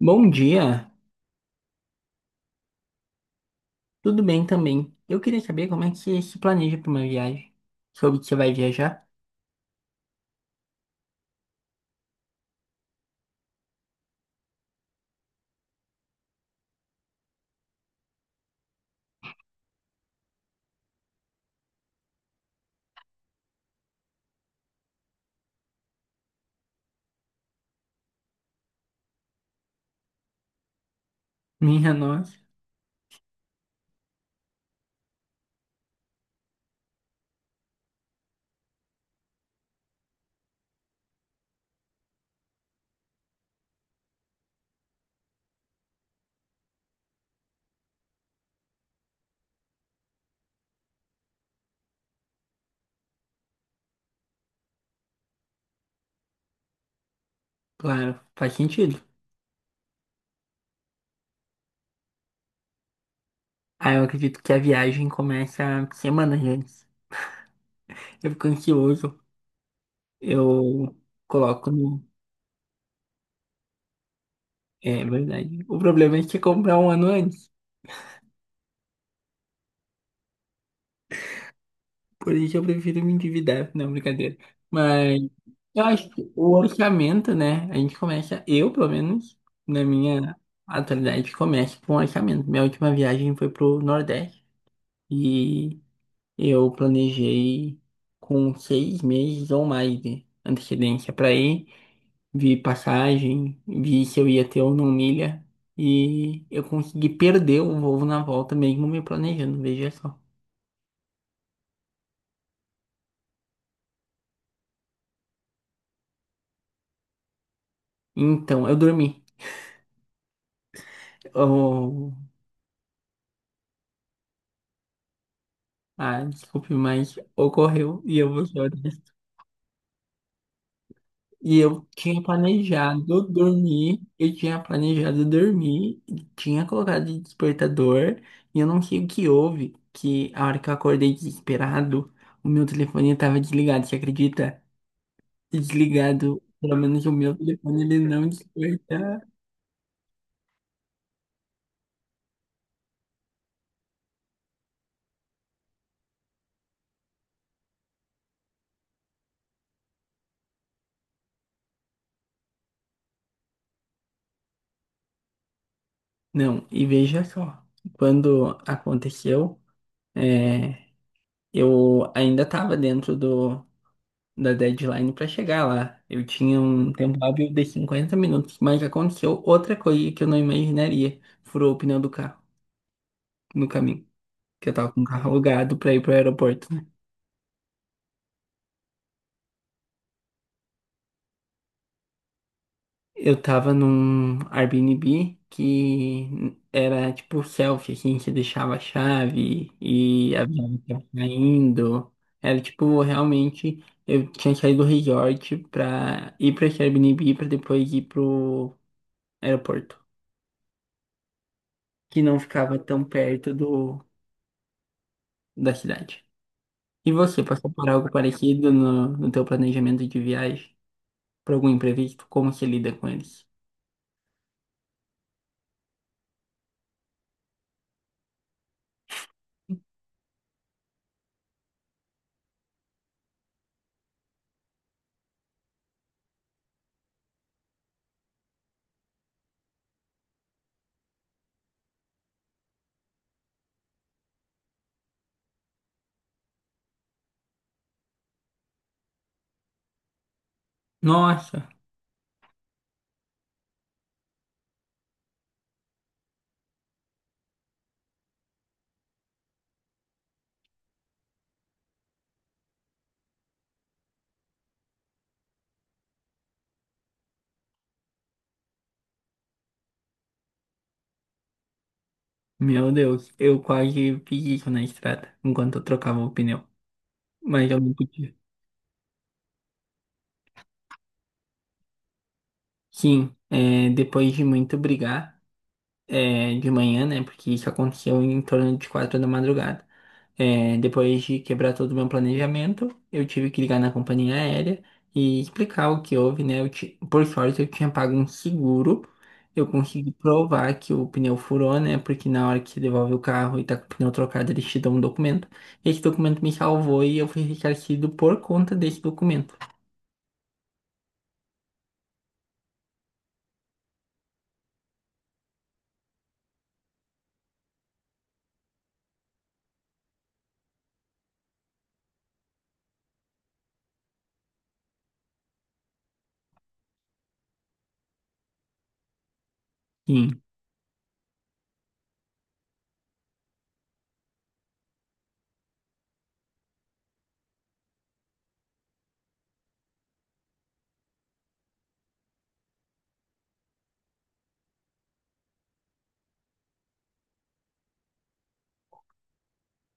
Bom dia, tudo bem também. Eu queria saber como é que você se planeja para uma viagem. Soube que você vai viajar? Minha nossa, claro, faz sentido. Ah, eu acredito que a viagem começa semanas antes. Eu fico ansioso, eu coloco no. É verdade. O problema é que você comprar um ano antes. Por isso eu prefiro me endividar, não, brincadeira. Mas eu acho que o orçamento, né? A gente começa, eu pelo menos, na minha atualidade, começo com orçamento. Minha última viagem foi pro Nordeste e eu planejei com 6 meses ou mais de antecedência para ir, vi passagem, vi se eu ia ter ou não milha. E eu consegui perder o voo na volta, mesmo me planejando, veja só. Então, eu dormi. Eu Ah, desculpe, mas ocorreu e eu vou ser honesto. E eu tinha planejado dormir, eu tinha planejado dormir, tinha colocado de despertador, e eu não sei o que houve, que a hora que eu acordei desesperado, o meu telefone estava desligado, você acredita? Desligado, pelo menos o meu telefone ele não desperta. Não, e veja só, quando aconteceu, é, eu ainda estava dentro do da deadline para chegar lá. Eu tinha um tempo hábil de 50 minutos, mas aconteceu outra coisa que eu não imaginaria. Furou o pneu do carro no caminho, que eu tava com o carro alugado para ir pro aeroporto, né? Eu tava num Airbnb que era tipo selfie, assim, você deixava a chave e avisava que tava saindo. Era tipo, realmente, eu tinha saído do resort pra ir pra esse Airbnb pra depois ir pro aeroporto. Que não ficava tão perto da cidade. E você, passou por algo parecido no teu planejamento de viagem? Por algum imprevisto? Como você lida com eles? Nossa, meu Deus, eu quase fiz isso na estrada, enquanto eu trocava o pneu. Mas eu não podia. Sim, é, depois de muito brigar, é, de manhã, né? Porque isso aconteceu em torno de 4 da madrugada. É, depois de quebrar todo o meu planejamento, eu tive que ligar na companhia aérea e explicar o que houve, né? Por sorte, eu tinha pago um seguro. Eu consegui provar que o pneu furou, né? Porque na hora que você devolve o carro e tá com o pneu trocado, eles te dão um documento. Esse documento me salvou e eu fui ressarcido por conta desse documento. Sim,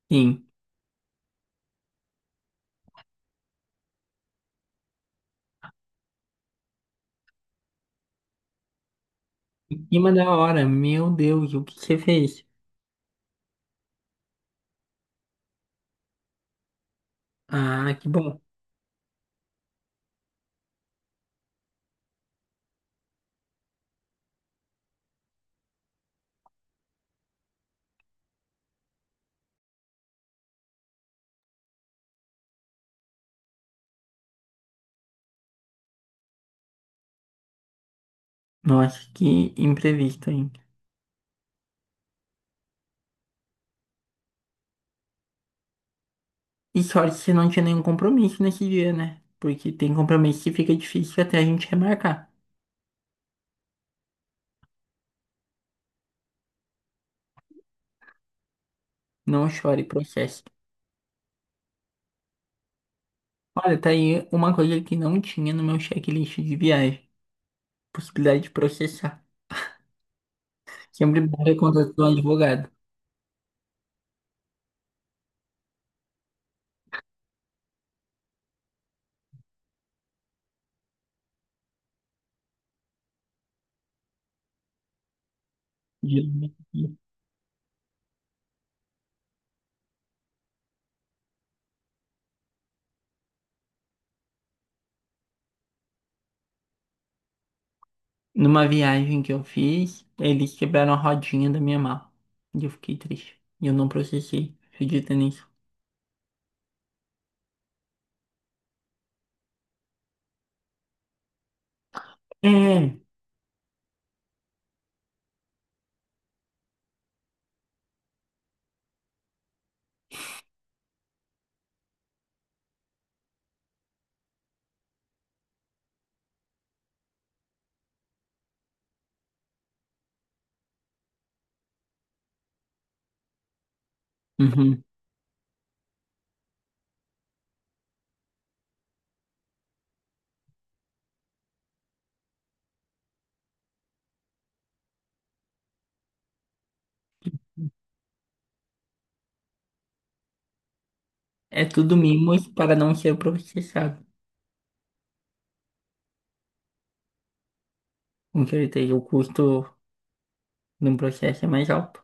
sim. Em cima da hora, meu Deus, o que você fez? Ah, que bom. Nossa, que imprevisto, hein? E sorte se não tinha nenhum compromisso nesse dia, né? Porque tem compromisso que fica difícil até a gente remarcar. Não chore, processo. Olha, tá aí uma coisa que não tinha no meu checklist de viagem. Possibilidade de processar. Sempre bom ter contato com um advogado. Geralmente. Numa viagem que eu fiz, eles quebraram a rodinha da minha mala. E eu fiquei triste. E eu não processei. Acredita nisso? É. Uhum. É tudo mimos para não ser processado. Com certeza, o custo num processo mais alto.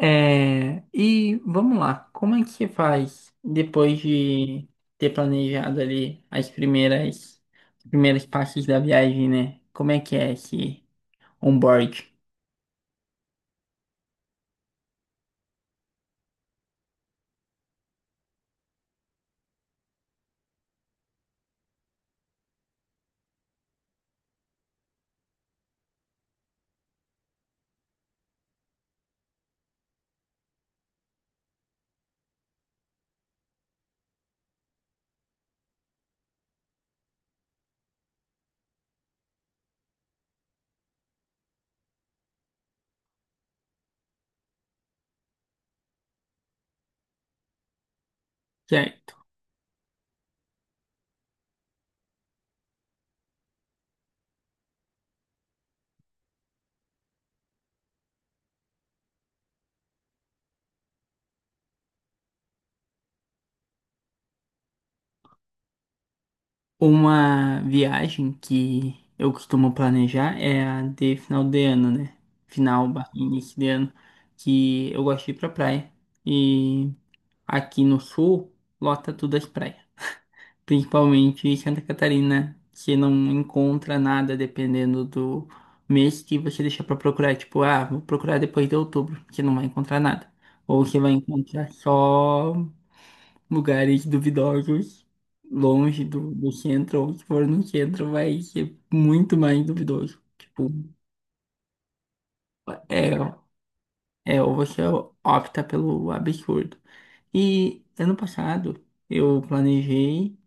É, e vamos lá, como é que você faz depois de ter planejado ali os primeiros passos da viagem, né? Como é que é esse onboard? Certo. Uma viagem que eu costumo planejar é a de final de ano, né? Final, barra início de ano, que eu gosto de ir pra praia. E aqui no sul, lota tudo as praias. Principalmente em Santa Catarina, que não encontra nada dependendo do mês que você deixar para procurar. Tipo, ah, vou procurar depois de outubro, que não vai encontrar nada. Ou você vai encontrar só lugares duvidosos, longe do centro, ou se for no centro, vai ser muito mais duvidoso. É, ou você opta pelo absurdo. E ano passado, eu planejei.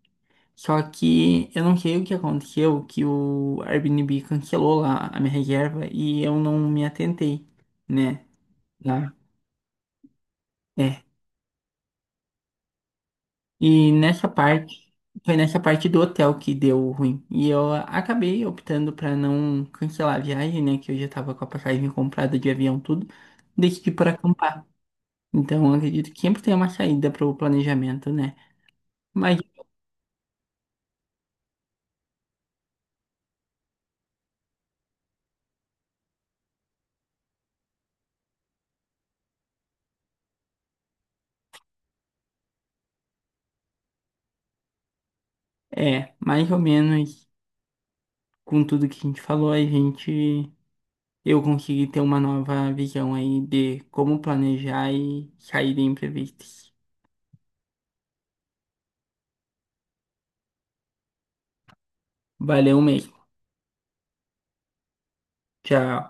Só que eu não sei o que aconteceu, que o Airbnb cancelou lá a minha reserva e eu não me atentei, né? Lá. É. E nessa parte, foi nessa parte do hotel que deu ruim. E eu acabei optando pra não cancelar a viagem, né? Que eu já tava com a passagem comprada de avião, tudo. Decidi por acampar. Então, eu acredito que sempre tem uma saída pro planejamento, né? Mas é, mais ou menos com tudo que a gente falou, a gente eu consegui ter uma nova visão aí de como planejar e sair de imprevistos. Valeu mesmo. Tchau.